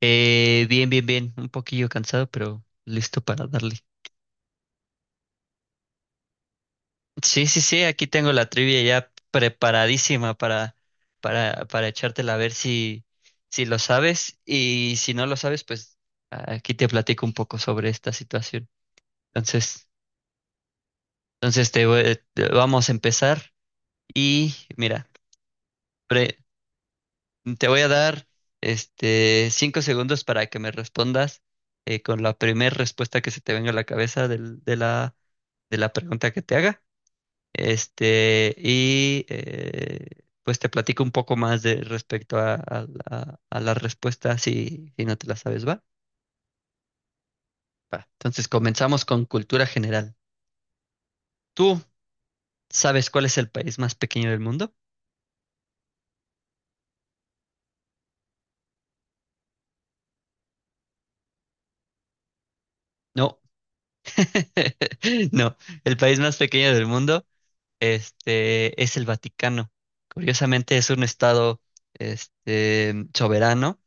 Bien, bien, bien. Un poquillo cansado, pero listo para darle. Sí, sí, sí. Aquí tengo la trivia ya preparadísima para, para echártela a ver si lo sabes. Y si no lo sabes, pues aquí te platico un poco sobre esta situación. Entonces, entonces, vamos a empezar. Y mira, pre- te voy a dar este 5 segundos para que me respondas con la primera respuesta que se te venga a la cabeza de la pregunta que te haga. Este, y pues te platico un poco más de respecto a la respuesta si no te la sabes, ¿va? Va. Entonces comenzamos con cultura general. ¿Tú sabes cuál es el país más pequeño del mundo? No, no, el país más pequeño del mundo, este, es el Vaticano. Curiosamente es un estado, este, soberano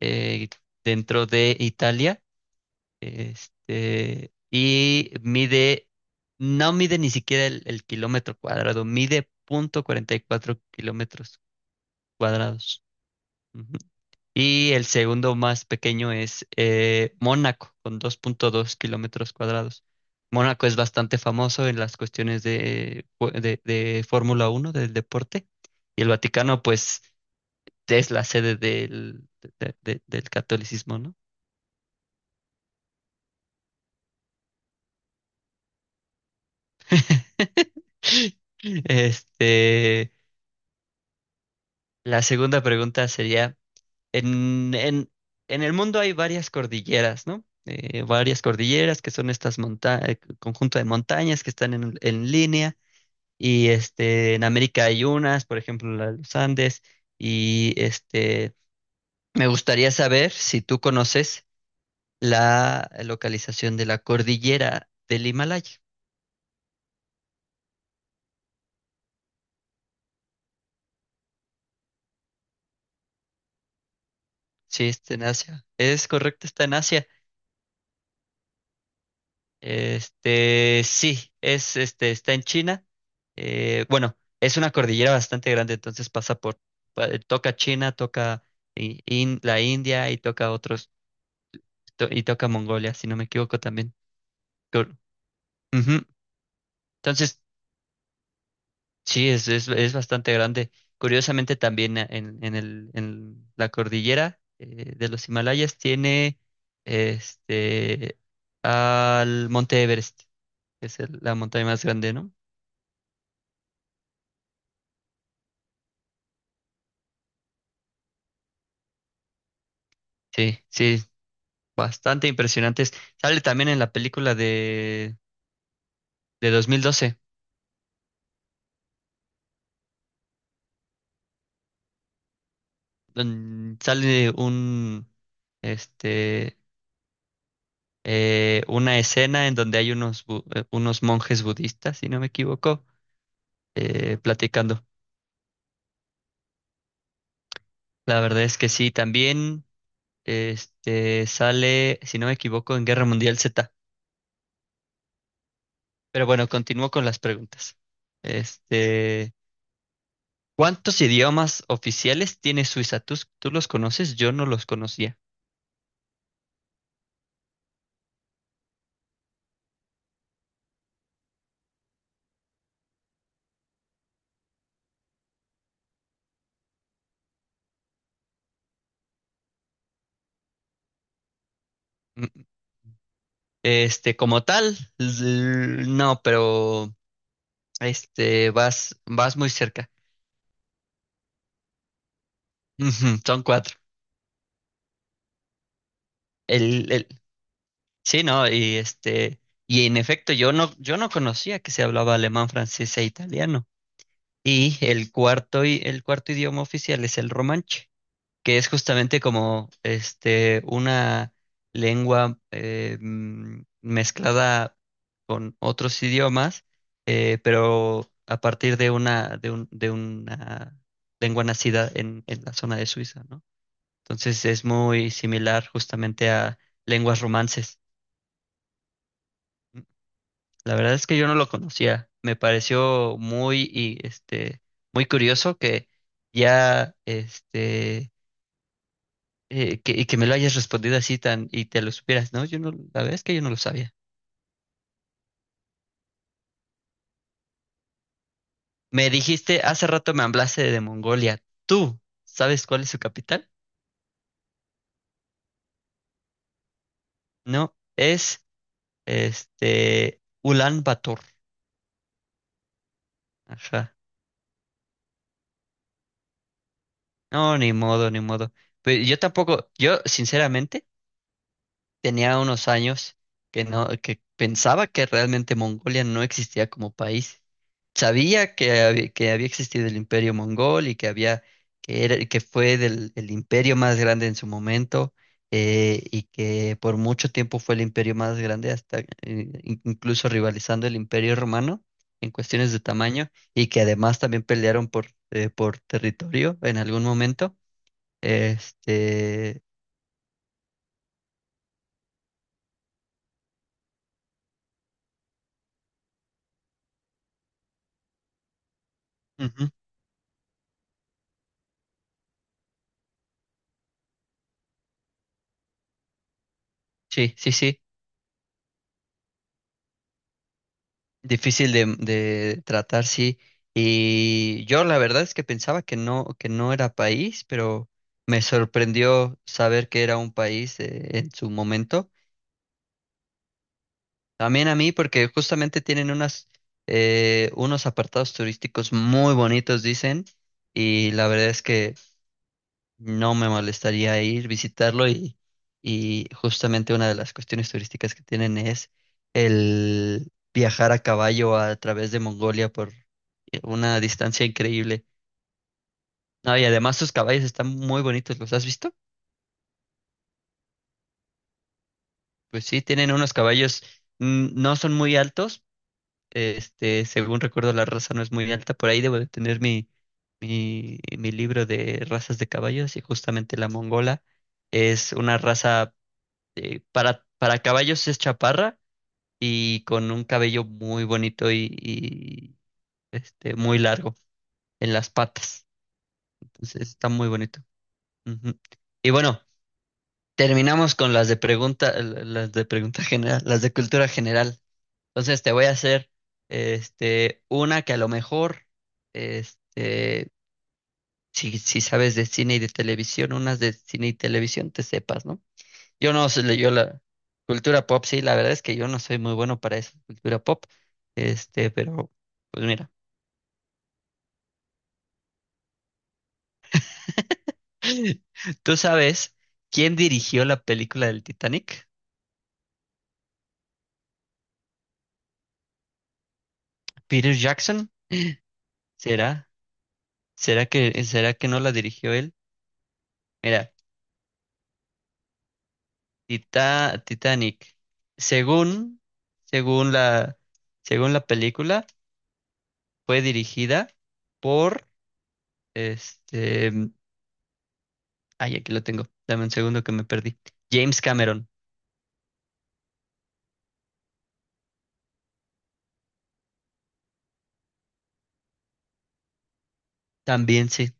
eh, dentro de Italia. Este, y mide, no mide ni siquiera el kilómetro cuadrado, mide 0,44 kilómetros cuadrados. Ujú. Y el segundo más pequeño es Mónaco, con 2,2 kilómetros cuadrados. Mónaco es bastante famoso en las cuestiones de Fórmula Uno del deporte. Y el Vaticano, pues, es la sede del catolicismo, ¿no? Este, la segunda pregunta sería, en, en, en el mundo hay varias cordilleras, ¿no? Varias cordilleras que son estas monta conjunto de montañas que están en línea y este, en América hay unas, por ejemplo, la de los Andes y este, me gustaría saber si tú conoces la localización de la cordillera del Himalaya. Sí, está en Asia. Es correcto, está en Asia. Este, sí, este, está en China. Bueno, es una cordillera bastante grande, entonces pasa por, toca China, toca la India y toca otros, y toca Mongolia, si no me equivoco también. Cor- Ujú. Entonces, sí, es bastante grande. Curiosamente también en la cordillera de los Himalayas tiene este al Monte Everest, que es la montaña más grande, ¿no? Sí, sí, bastante impresionantes. Sale también en la película de 2012 donde sale este, una escena en donde hay unos monjes budistas, si no me equivoco, platicando. La verdad es que sí, también este, sale, si no me equivoco, en Guerra Mundial Z. Pero bueno, continúo con las preguntas. Este, ¿cuántos idiomas oficiales tiene Suiza? ¿Tú los conoces? Yo no los conocía. Este, como tal, no, pero este, vas muy cerca. Ujú. Son cuatro. El, el, sí, no, y este, y en efecto, yo no conocía que se hablaba alemán, francés e italiano. Y el cuarto idioma oficial es el romanche, que es justamente como este una lengua mezclada con otros idiomas, pero a partir de una lengua nacida en la zona de Suiza, ¿no? Entonces es muy similar justamente a lenguas romances. Mm, La verdad es que yo no lo conocía. Me pareció muy curioso que ya este que, y que me lo hayas respondido así tan y te lo supieras, ¿no? Yo no, la verdad es que yo no lo sabía. Me dijiste, hace rato me hablaste de Mongolia. ¿Tú sabes cuál es su capital? No, es este Ulan Bator. Ajá. No, ni modo, ni modo. Pero yo tampoco, yo sinceramente tenía unos años que no, que pensaba que realmente Mongolia no existía como país. Sabía que había existido el Imperio Mongol y que había, que fue el imperio más grande en su momento, y que por mucho tiempo fue el imperio más grande, hasta incluso rivalizando el Imperio Romano en cuestiones de tamaño, y que además también pelearon por territorio en algún momento. Este, ujú. Sí, sí, sí. Difícil de tratar, sí. Y yo la verdad es que pensaba que no era país, pero me sorprendió saber que era un país en su momento. También a mí, porque justamente tienen unos apartados turísticos muy bonitos, dicen, y la verdad es que no me molestaría ir, visitarlo y justamente una de las cuestiones turísticas que tienen es el viajar a caballo a través de Mongolia por una distancia increíble. No, y además sus caballos están muy bonitos, ¿los has visto? Pues sí, tienen unos caballos, no son muy altos, este, según recuerdo la raza no es muy alta, por ahí debo de tener mi libro de razas de caballos y justamente la mongola es una raza para caballos es chaparra y con un cabello muy bonito y, este, muy largo en las patas. Entonces está muy bonito. Ujú. Y bueno, terminamos con las de pregunta general, las de cultura general. Entonces te voy a hacer este, una que a lo mejor, este, si sabes de cine y de televisión, unas de cine y televisión te sepas, ¿no? Yo no sé, yo la cultura pop, sí, la verdad es que yo no soy muy bueno para esa cultura pop. Este, pero, pues mira. ¿Tú sabes quién dirigió la película del Titanic? ¿Peter Jackson? ¿Será? ¿Será que no la dirigió él? Mira, Titanic. Según, según la, según la película, fue dirigida por este. Ay, aquí lo tengo. Dame un segundo que me perdí. James Cameron. También sí.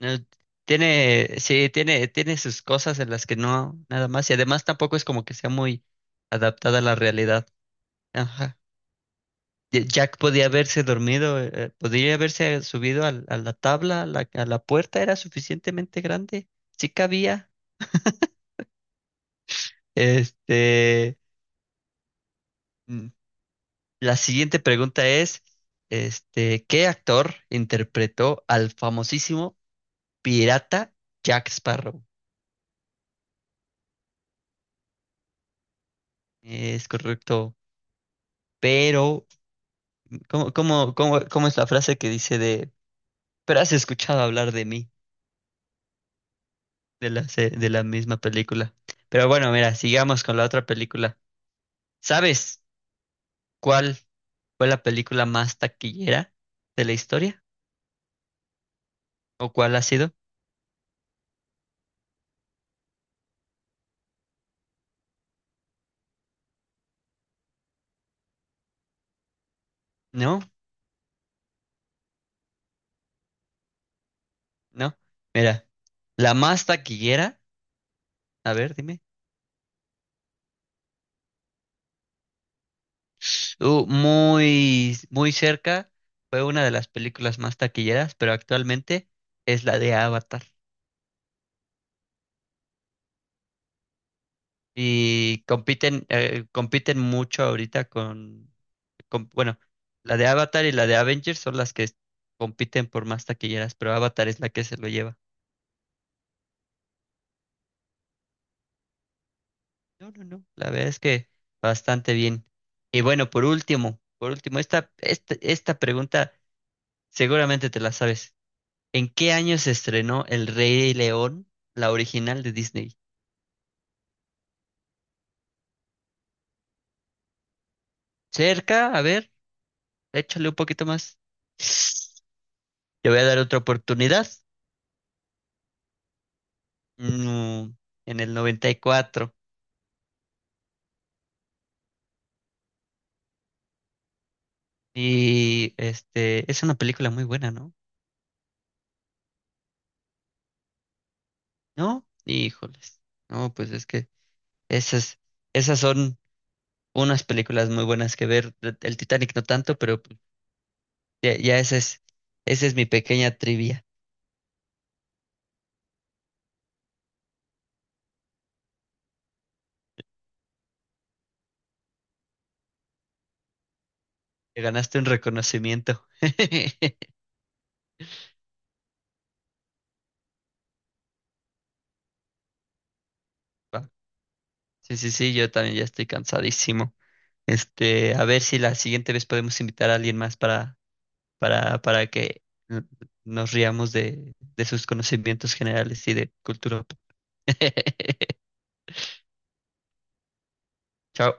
Eh, Tiene, sí, tiene sus cosas en las que no, nada más. Y además tampoco es como que sea muy adaptada a la realidad. Ajá. Y Jack podía haberse dormido, podría haberse subido la tabla, a la puerta era suficientemente grande, sí cabía. Este, mm, la siguiente pregunta es, este, ¿qué actor interpretó al famosísimo pirata Jack Sparrow? Es correcto, pero ¿Cómo es la frase que dice de, pero has escuchado hablar de mí, de la misma película? Pero bueno, mira, sigamos con la otra película. ¿Sabes cuál fue la película más taquillera de la historia? ¿O cuál ha sido? No, no. Mira, la más taquillera, a ver, dime. Muy, muy cerca, fue una de las películas más taquilleras, pero actualmente es la de Avatar. Y compiten mucho ahorita bueno, la de Avatar y la de Avengers son las que compiten por más taquilleras, pero Avatar es la que se lo lleva. No, no, no, la verdad es que bastante bien. Y bueno, por último, esta pregunta seguramente te la sabes. ¿En qué año se estrenó El Rey León, la original de Disney? Cerca, a ver, échale un poquito más. Te voy a dar otra oportunidad. No, en el 94. Y este, es una película muy buena, ¿no? ¿No? Híjoles. No, pues es que esas, esas son unas películas muy buenas que ver. El Titanic no tanto, pero pues, ya, ya esa es mi pequeña trivia. Te ganaste un reconocimiento. Va. Sí, sí, sí, yo también ya estoy cansadísimo. Este, a ver si la siguiente vez podemos invitar a alguien más para, para que n- nos riamos de sus conocimientos generales y de cultura pop. Chao.